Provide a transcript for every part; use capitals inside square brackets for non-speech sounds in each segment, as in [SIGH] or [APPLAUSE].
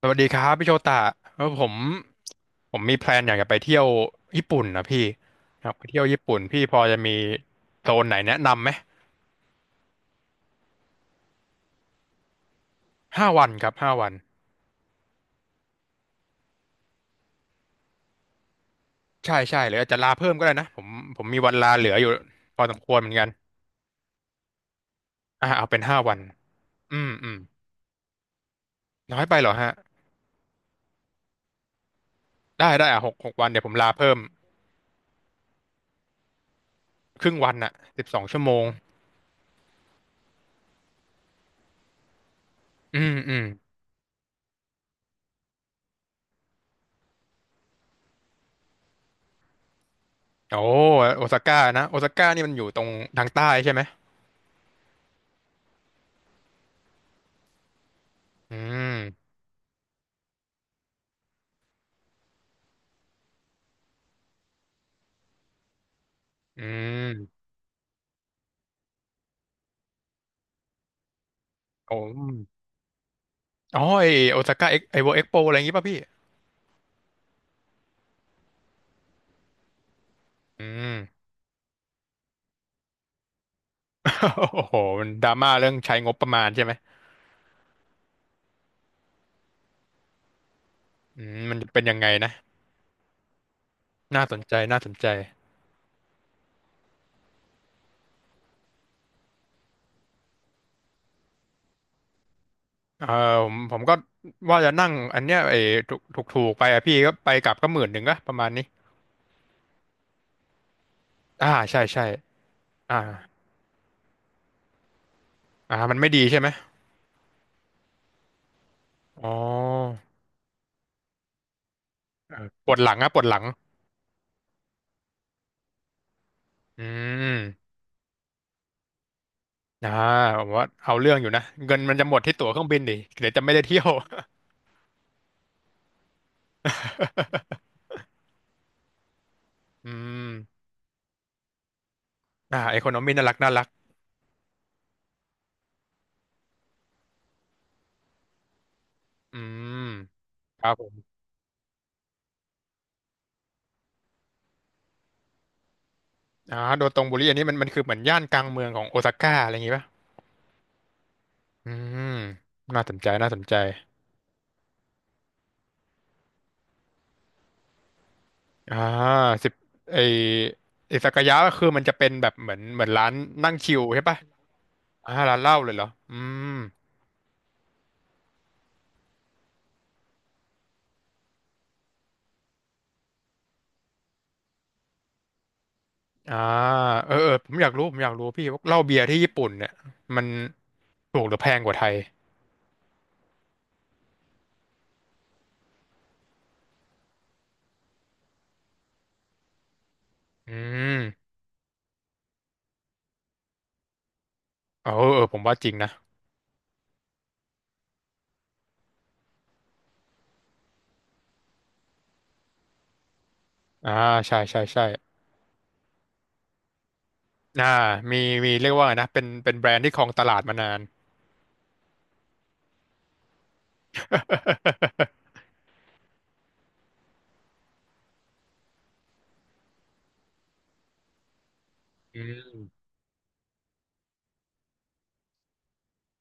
สวัสดีครับพี่โชตะเออผมผมมีแพลนอยากจะไปเที่ยวญี่ปุ่นนะพี่อยากไปเที่ยวญี่ปุ่นพี่พอจะมีโซนไหนแนะนำไหมห้าวันครับห้าวันใช่ใช่หรืออาจจะลาเพิ่มก็ได้นะผมมีวันลาเหลืออยู่พอสมควรเหมือนกันอ่ะเอาเป็นห้าวันอืมอืมน้อยไปเหรอฮะได้ได้อ่ะหกวันเดี๋ยวผมลาเพิ่มครึ่งวันน่ะ12 ชั่วโมงอืมอืมโอ้โอซาก้านะโอซาก้านี่มันอยู่ตรงทางใต้ใช่ไหมอืมอืมโอ้ อ๋อโอซาก้าเวิลด์เอ็กโปอะไรอย่างงี้ป่ะพี่อืม [LAUGHS] โอ้โหมันดราม่าเรื่องใช้งบประมาณใช่ไหมอืมมันจะเป็นยังไงนะน่าสนใจน่าสนใจเออผมก็ว่าจะนั่งอันเนี้ยถูกถูกถูกไปอะพี่ก็ไปกลับก็หมื่นหนึ่งก็ประมาณนี้อ่าใช่ใช่อ่าอ่ามันไม่ดีใช่ไหมอ๋อปวดหลังอะปวดหลัง อืมอ่าผมว่าเอาเรื่องอยู่นะเงินมันจะหมดที่ตั๋วเครื่องบินดิเดี๋ยวจะไม่ได้เที่ยว [LAUGHS] อืมอ่า economy น่ารักน่ารักอืมครับผม อ่าโดโตงบุรีอันนี้มันคือเหมือนย่านกลางเมืองของโอซาก้าอะไรอย่างงี้ป่ะอืมน่าสนใจน่าสนใจอ่าสิบไอไอซากายะก็คือมันจะเป็นแบบเหมือนร้านนั่งชิลใช่ป่ะอ่าร้านเหล้าเลยเหรออืมอ่าเออเออผมอยากรู้พี่ว่าเหล้าเบียร์ที่ญี่ปุ่นเนี่ยมันถูกหรือแพงกว่าไทยอืมเออเออผมว่าจริงนะอ่าใช่ใช่ใช่อ่ามีมีเรียกว่าไงนะเป็นแบรนด์ที่ครองตลาดมานาน [LAUGHS] อืม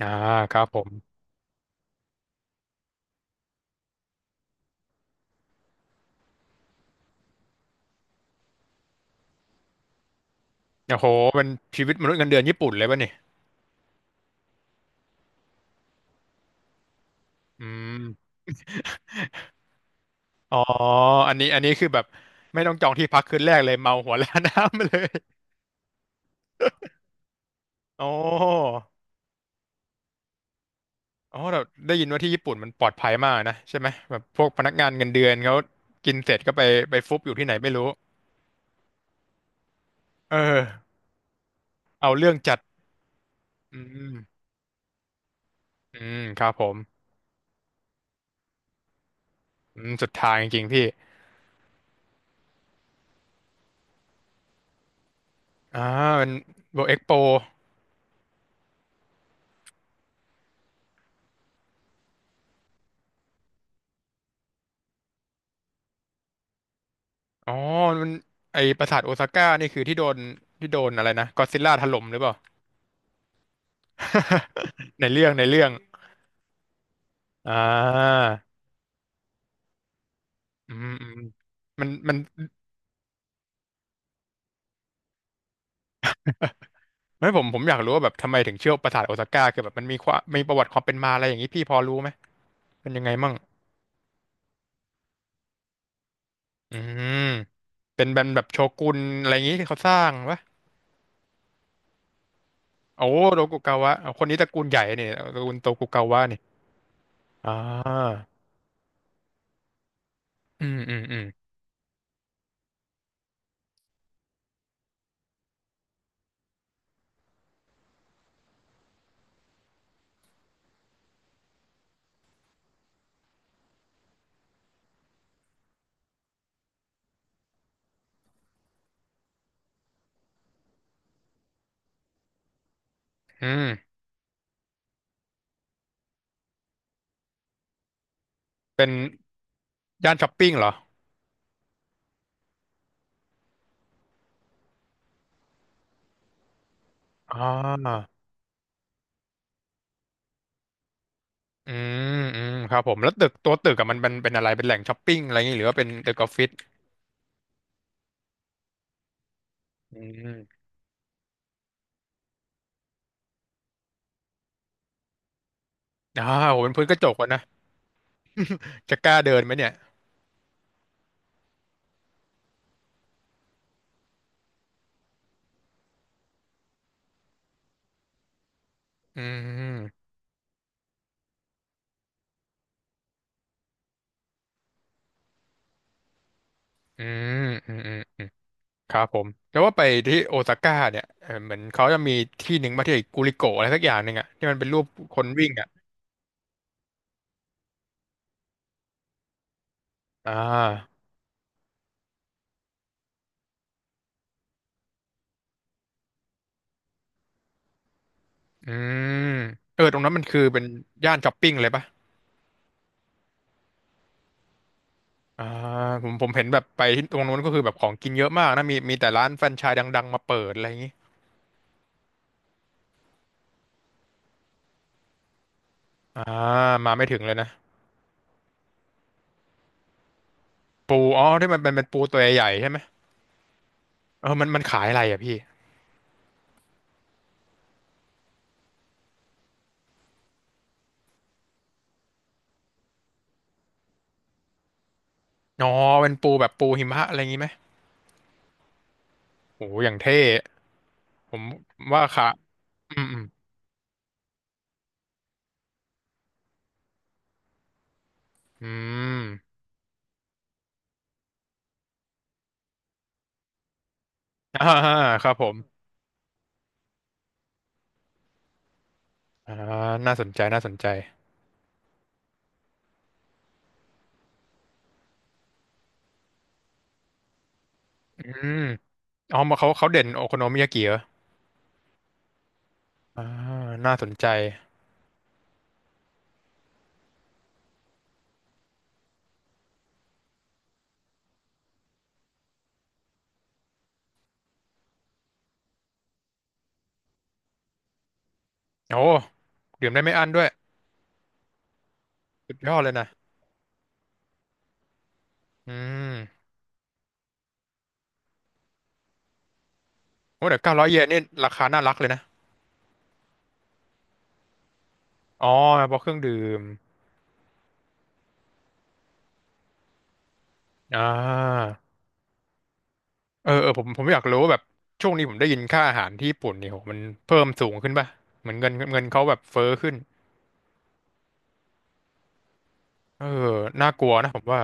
อ่าครับผม โอ้โหเป็นชีวิตมนุษย์เงินเดือนญี่ปุ่นเลยป่ะนี่อืมอ๋ออันนี้คือแบบไม่ต้องจองที่พักคืนแรกเลยเมาหัวล้านน้ำไปเลย โอ้อ๋อเราได้ยินว่าที่ญี่ปุ่นมันปลอดภัยมากนะใช่ไหมแบบพวกพนักงานเงินเดือนเขากินเสร็จก็ไปฟุบอยู่ที่ไหนไม่รู้ เออเอาเรื่องจัดอืมอืมครับผมอืมสุดทางจริงๆพี่อ่ามันเวิลด์เอ็กโปอ๋อมันปราสาทโอซาก้านี่คือที่โดนอะไรนะก็อดซิลล่าถล่มหรือเปล่า [LAUGHS] ในเรื่องอ่าอืมอืมมันไม่ผมอยากรู้ว่าแบบทำไมถึงเชื่อปราสาทโอซาก้าคือแบบมันมีความมีประวัติความเป็นมาอะไรอย่างนี้พี่พอรู้ไหมเป็นยังไงมั่งอืมเป็นแบบโชกุนอะไรอย่างนี้ที่เขาสร้างวะโอ้โตกุกาวะเอาคนนี้ตระกูลใหญ่นี่ตระกูลโตกุกาวะนี่อ่าอืมอืมอืมอืมเป็นย่านช้อปปิ้งเหรออ่าอืมอืมครับผมแล้วตึกตัวตึกอะมันเป็นอะไรเป็นแหล่งช้อปปิ้งอะไรอย่างนี้หรือว่าเป็นตึกออฟฟิศ อืมอ่าโหเป็นพื้นกระจกวะนะจะกล้าเดินไหมเนี่ยอืมอืมอืมอืมอืมครับผมแต่ว่าไปที่โอซาก้าเนี่ยเออเหมือนเขาจะมีที่หนึ่งมาที่กูริโกะอะไรสักอย่างหนึ่งอะที่มันเป็นรูปคนวิ่งอะอ่าอืมเออตรงนั้นมันคือเป็นย่านช้อปปิ้งเลยปะอ่าผมเห็นแบบไปที่ตรงนู้นก็คือแบบของกินเยอะมากนะมีแต่ร้านแฟรนไชส์ดังๆมาเปิดอะไรอย่างงี้อ่ามาไม่ถึงเลยนะปูอ๋อที่มันเป็นปูตัวใหญ่ๆใช่ไหมเออมันขายอะไรอะพี่ อ๋อเป็นปูแบบปูหิมะอะไรอย่างงี้ไหมโอ้อย่างเท่ผมว่าค่ะอืมอืมอืม [LAUGHS] อ่าครับผมอ่าน่าสนใจน่าสนใจอืมอ๋อมาเขาเด่นโอโคโนมิยากิเหรออ่าน่าสนใจโอ้ดื่มได้ไม่อั้นด้วยสุดยอดเลยนะอืมโอ้เดี๋ยว900 เยนนี่ราคาน่ารักเลยนะอ๋อเพราะเครื่องดื่มอ่าเออเออผมอยากรู้ว่าแบบช่วงนี้ผมได้ยินค่าอาหารที่ญี่ปุ่นนี่โหมันเพิ่มสูงขึ้นป่ะเหมือนเงินเขาแบบเฟ้อขึ้น เออ น่ากลัวนะผมว่า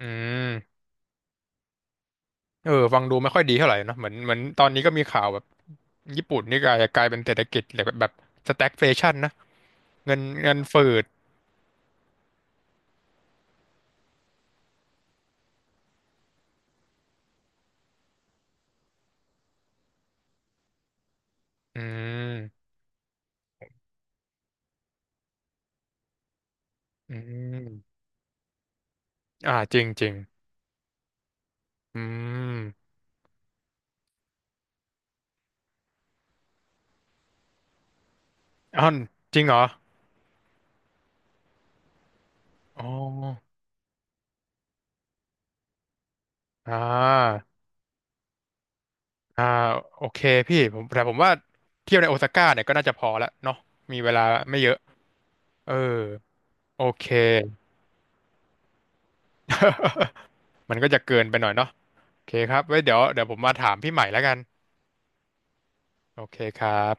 อืมเออ ฟังดูไม่ค่อยดีเท่าไหร่เนอะเหมือนตอนนี้ก็มีข่าวแบบญี่ปุ่นนี่กลายเป็นเศรษฐกิจแบบสแต็กเฟชั่นนะเงินฝืด อืมอืมอ่าจริงจริง อืมอ้าวจริงเหรออ๋ออ่าอ่าโอเคพี่ผมแต่ผมว่าเที่ยวในโอซาก้าเนี่ยก็น่าจะพอและเนาะมีเวลาไม่เยอะ เออ โอเค [LAUGHS] มันก็จะเกินไปหน่อยเนาะ โอเคครับไว้เดี๋ยวผมมาถามพี่ใหม่แล้วกันโอเคครับ